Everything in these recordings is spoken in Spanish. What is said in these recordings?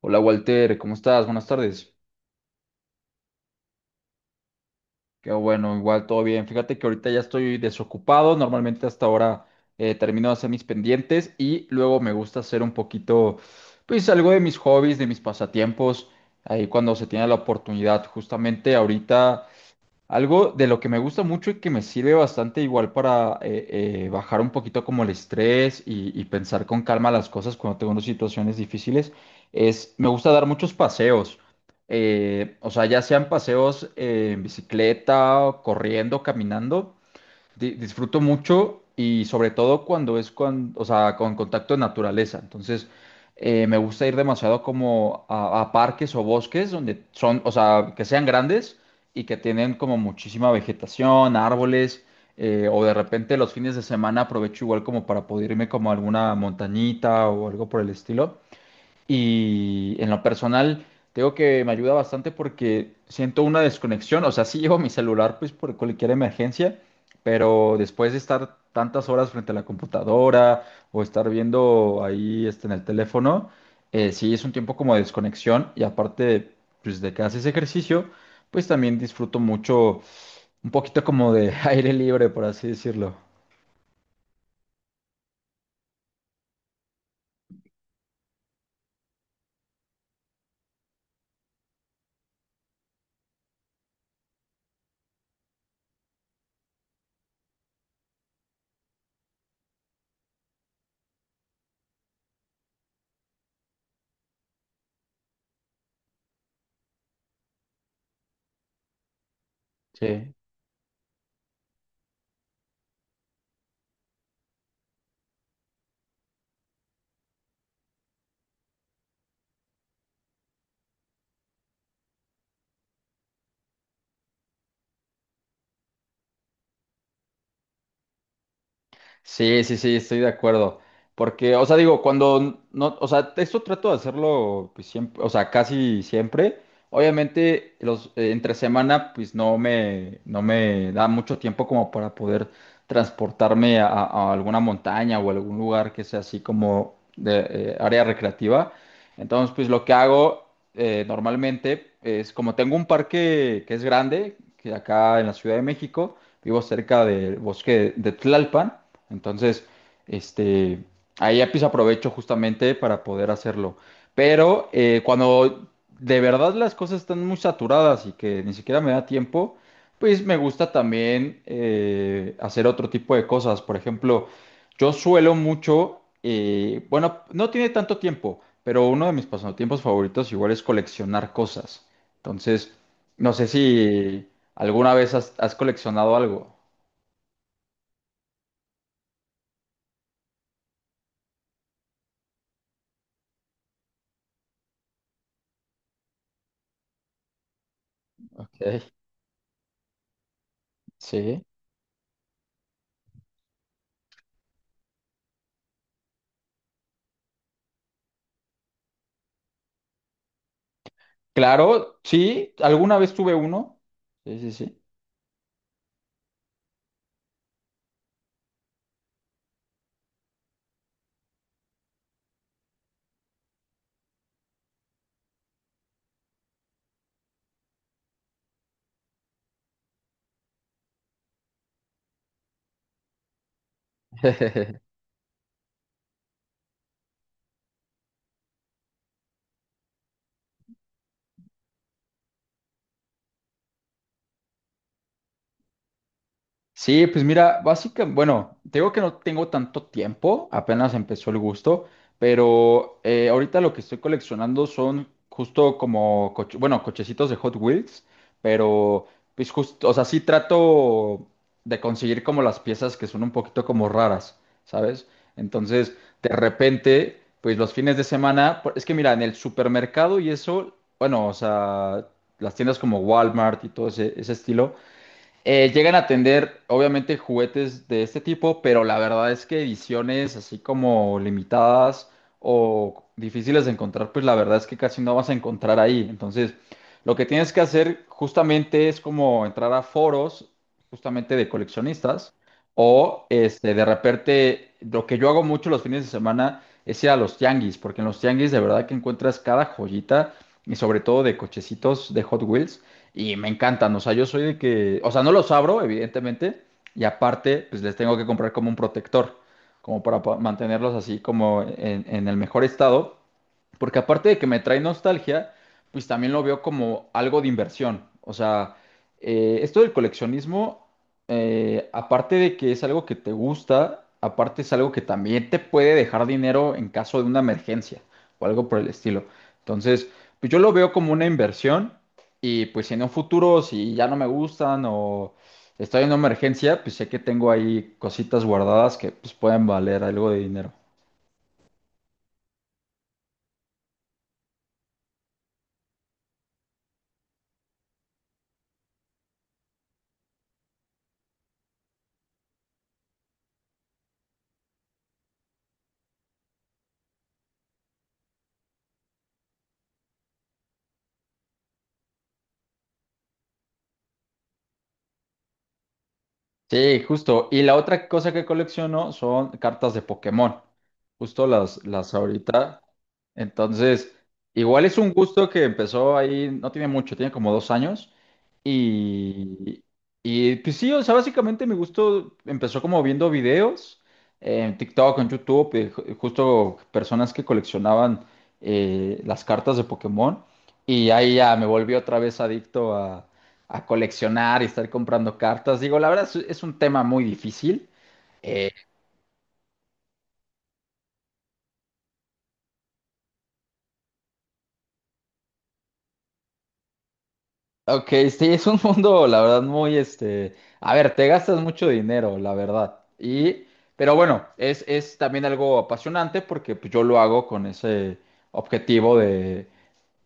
Hola Walter, ¿cómo estás? Buenas tardes. Qué bueno, igual todo bien. Fíjate que ahorita ya estoy desocupado. Normalmente hasta ahora termino de hacer mis pendientes y luego me gusta hacer un poquito, pues algo de mis hobbies, de mis pasatiempos, ahí cuando se tiene la oportunidad. Justamente ahorita algo de lo que me gusta mucho y que me sirve bastante igual para bajar un poquito como el estrés y pensar con calma las cosas cuando tengo unas situaciones difíciles es, me gusta dar muchos paseos. O sea, ya sean paseos en bicicleta, corriendo, caminando disfruto mucho y sobre todo cuando es con, o sea, con contacto de naturaleza. Entonces, me gusta ir demasiado como a parques o bosques donde son, o sea, que sean grandes y que tienen como muchísima vegetación, árboles, o de repente los fines de semana aprovecho igual como para poder irme como a alguna montañita o algo por el estilo. Y en lo personal, tengo que me ayuda bastante porque siento una desconexión. O sea, sí llevo mi celular pues por cualquier emergencia, pero después de estar tantas horas frente a la computadora o estar viendo ahí este, en el teléfono, sí es un tiempo como de desconexión. Y aparte, pues de que haces ejercicio, pues también disfruto mucho un poquito como de aire libre, por así decirlo. Sí. Sí, sí, sí, estoy de acuerdo. Porque, o sea, digo, cuando no, o sea, esto trato de hacerlo pues, siempre, o sea, casi siempre. Obviamente, los entre semana, pues no me da mucho tiempo como para poder transportarme a alguna montaña o algún lugar que sea así como de área recreativa. Entonces, pues lo que hago normalmente es como tengo un parque que es grande, que acá en la Ciudad de México, vivo cerca del bosque de Tlalpan. Entonces, este, ahí ya pues aprovecho justamente para poder hacerlo. Pero cuando de verdad las cosas están muy saturadas y que ni siquiera me da tiempo, pues me gusta también hacer otro tipo de cosas. Por ejemplo, yo suelo mucho, bueno, no tiene tanto tiempo, pero uno de mis pasatiempos favoritos igual es coleccionar cosas. Entonces, no sé si alguna vez has coleccionado algo. Ok. Sí. Claro, sí, alguna vez tuve uno. Sí, sí, sí. Sí, pues mira, básicamente, bueno, te digo que no tengo tanto tiempo, apenas empezó el gusto, pero ahorita lo que estoy coleccionando son justo como, bueno, cochecitos de Hot Wheels, pero pues justo, o sea, sí trato de conseguir como las piezas que son un poquito como raras, ¿sabes? Entonces, de repente, pues los fines de semana, es que mira, en el supermercado y eso, bueno, o sea, las tiendas como Walmart y todo ese estilo. Llegan a tener, obviamente, juguetes de este tipo, pero la verdad es que ediciones así como limitadas o difíciles de encontrar, pues la verdad es que casi no vas a encontrar ahí. Entonces, lo que tienes que hacer justamente es como entrar a foros justamente de coleccionistas o este, de repente, lo que yo hago mucho los fines de semana es ir a los tianguis, porque en los tianguis de verdad que encuentras cada joyita y sobre todo de cochecitos de Hot Wheels y me encantan. O sea, yo soy de que, o sea, no los abro, evidentemente, y aparte, pues les tengo que comprar como un protector, como para mantenerlos así como en el mejor estado. Porque aparte de que me trae nostalgia, pues también lo veo como algo de inversión. O sea, esto del coleccionismo, aparte de que es algo que te gusta, aparte es algo que también te puede dejar dinero en caso de una emergencia o algo por el estilo. Entonces, pues yo lo veo como una inversión y pues si en un futuro, si ya no me gustan o estoy en una emergencia, pues sé que tengo ahí cositas guardadas que pues pueden valer algo de dinero. Sí, justo. Y la otra cosa que colecciono son cartas de Pokémon. Justo las ahorita. Entonces, igual es un gusto que empezó ahí, no tiene mucho, tiene como dos años. Y, y pues sí, o sea, básicamente mi gusto empezó como viendo videos en TikTok, en YouTube, justo personas que coleccionaban las cartas de Pokémon. Y ahí ya me volví otra vez adicto a coleccionar y estar comprando cartas. Digo, la verdad es un tema muy difícil. Eh, ok, sí, es un mundo, la verdad, muy este. A ver, te gastas mucho dinero, la verdad. Y, pero bueno, es también algo apasionante porque pues, yo lo hago con ese objetivo de,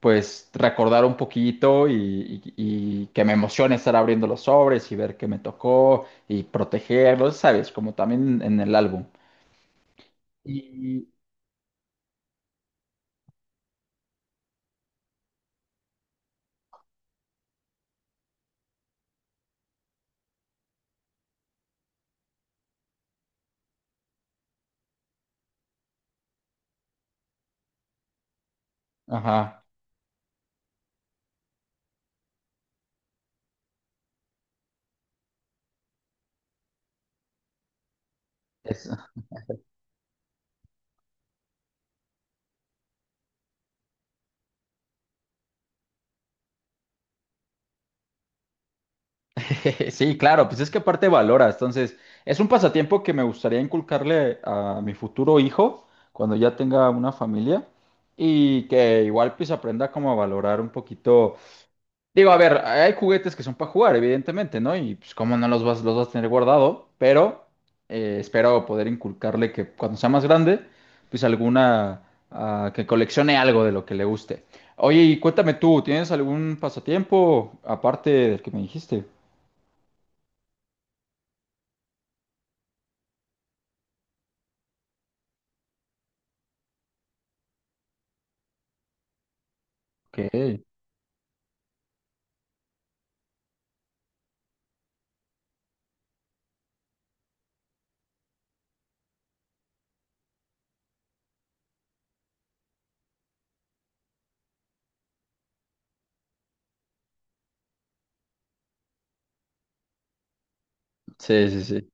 pues, recordar un poquito y que me emocione estar abriendo los sobres y ver qué me tocó y protegerlos, ¿sabes? Como también en el álbum. Y, ajá. Sí, claro, pues es que aparte valora, entonces es un pasatiempo que me gustaría inculcarle a mi futuro hijo cuando ya tenga una familia y que igual pues aprenda como a valorar un poquito. Digo, a ver, hay juguetes que son para jugar, evidentemente, ¿no? Y pues como no los vas, los vas a tener guardado, pero espero poder inculcarle que cuando sea más grande, pues alguna, ah, que coleccione algo de lo que le guste. Oye, y cuéntame tú, ¿tienes algún pasatiempo aparte del que me dijiste? Ok. Sí, sí, sí.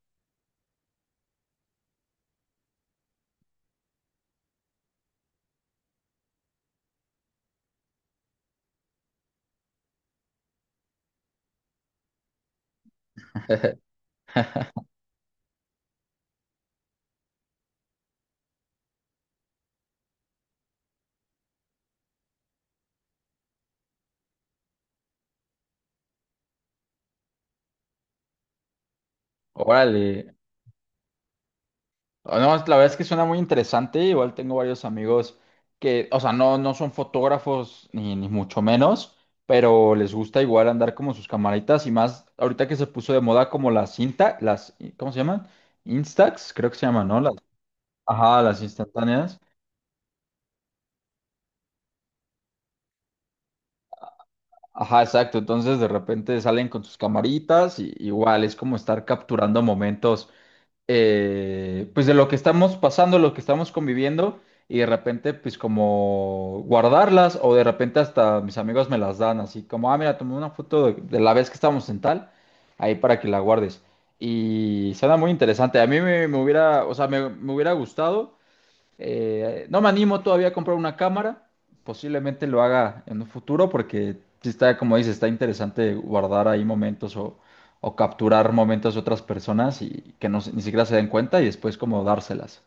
Órale. Ah, no, la verdad es que suena muy interesante. Igual tengo varios amigos que, o sea, no son fotógrafos ni mucho menos, pero les gusta igual andar como sus camaritas y más ahorita que se puso de moda como las cinta, las, ¿cómo se llaman? Instax, creo que se llaman, ¿no? Las, ajá, las instantáneas. Ajá, exacto. Entonces de repente salen con sus camaritas y igual es como estar capturando momentos pues de lo que estamos pasando, lo que estamos conviviendo y de repente pues como guardarlas o de repente hasta mis amigos me las dan así como, ah, mira, tomé una foto de la vez que estábamos en tal, ahí para que la guardes. Y suena muy interesante. A mí me hubiera, o sea, me hubiera gustado no me animo todavía a comprar una cámara. Posiblemente lo haga en un futuro porque sí está, como dices, está interesante guardar ahí momentos o capturar momentos de otras personas y que no, ni siquiera se den cuenta y después como dárselas.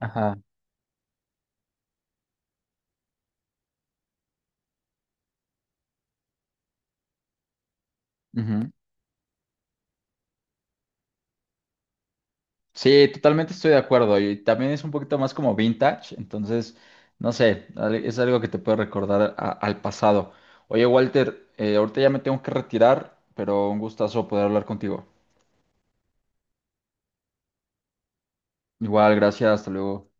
Ajá. Ujú. Sí, totalmente estoy de acuerdo. Y también es un poquito más como vintage, entonces, no sé, es algo que te puede recordar al pasado. Oye, Walter, ahorita ya me tengo que retirar, pero un gustazo poder hablar contigo. Igual, gracias, hasta luego.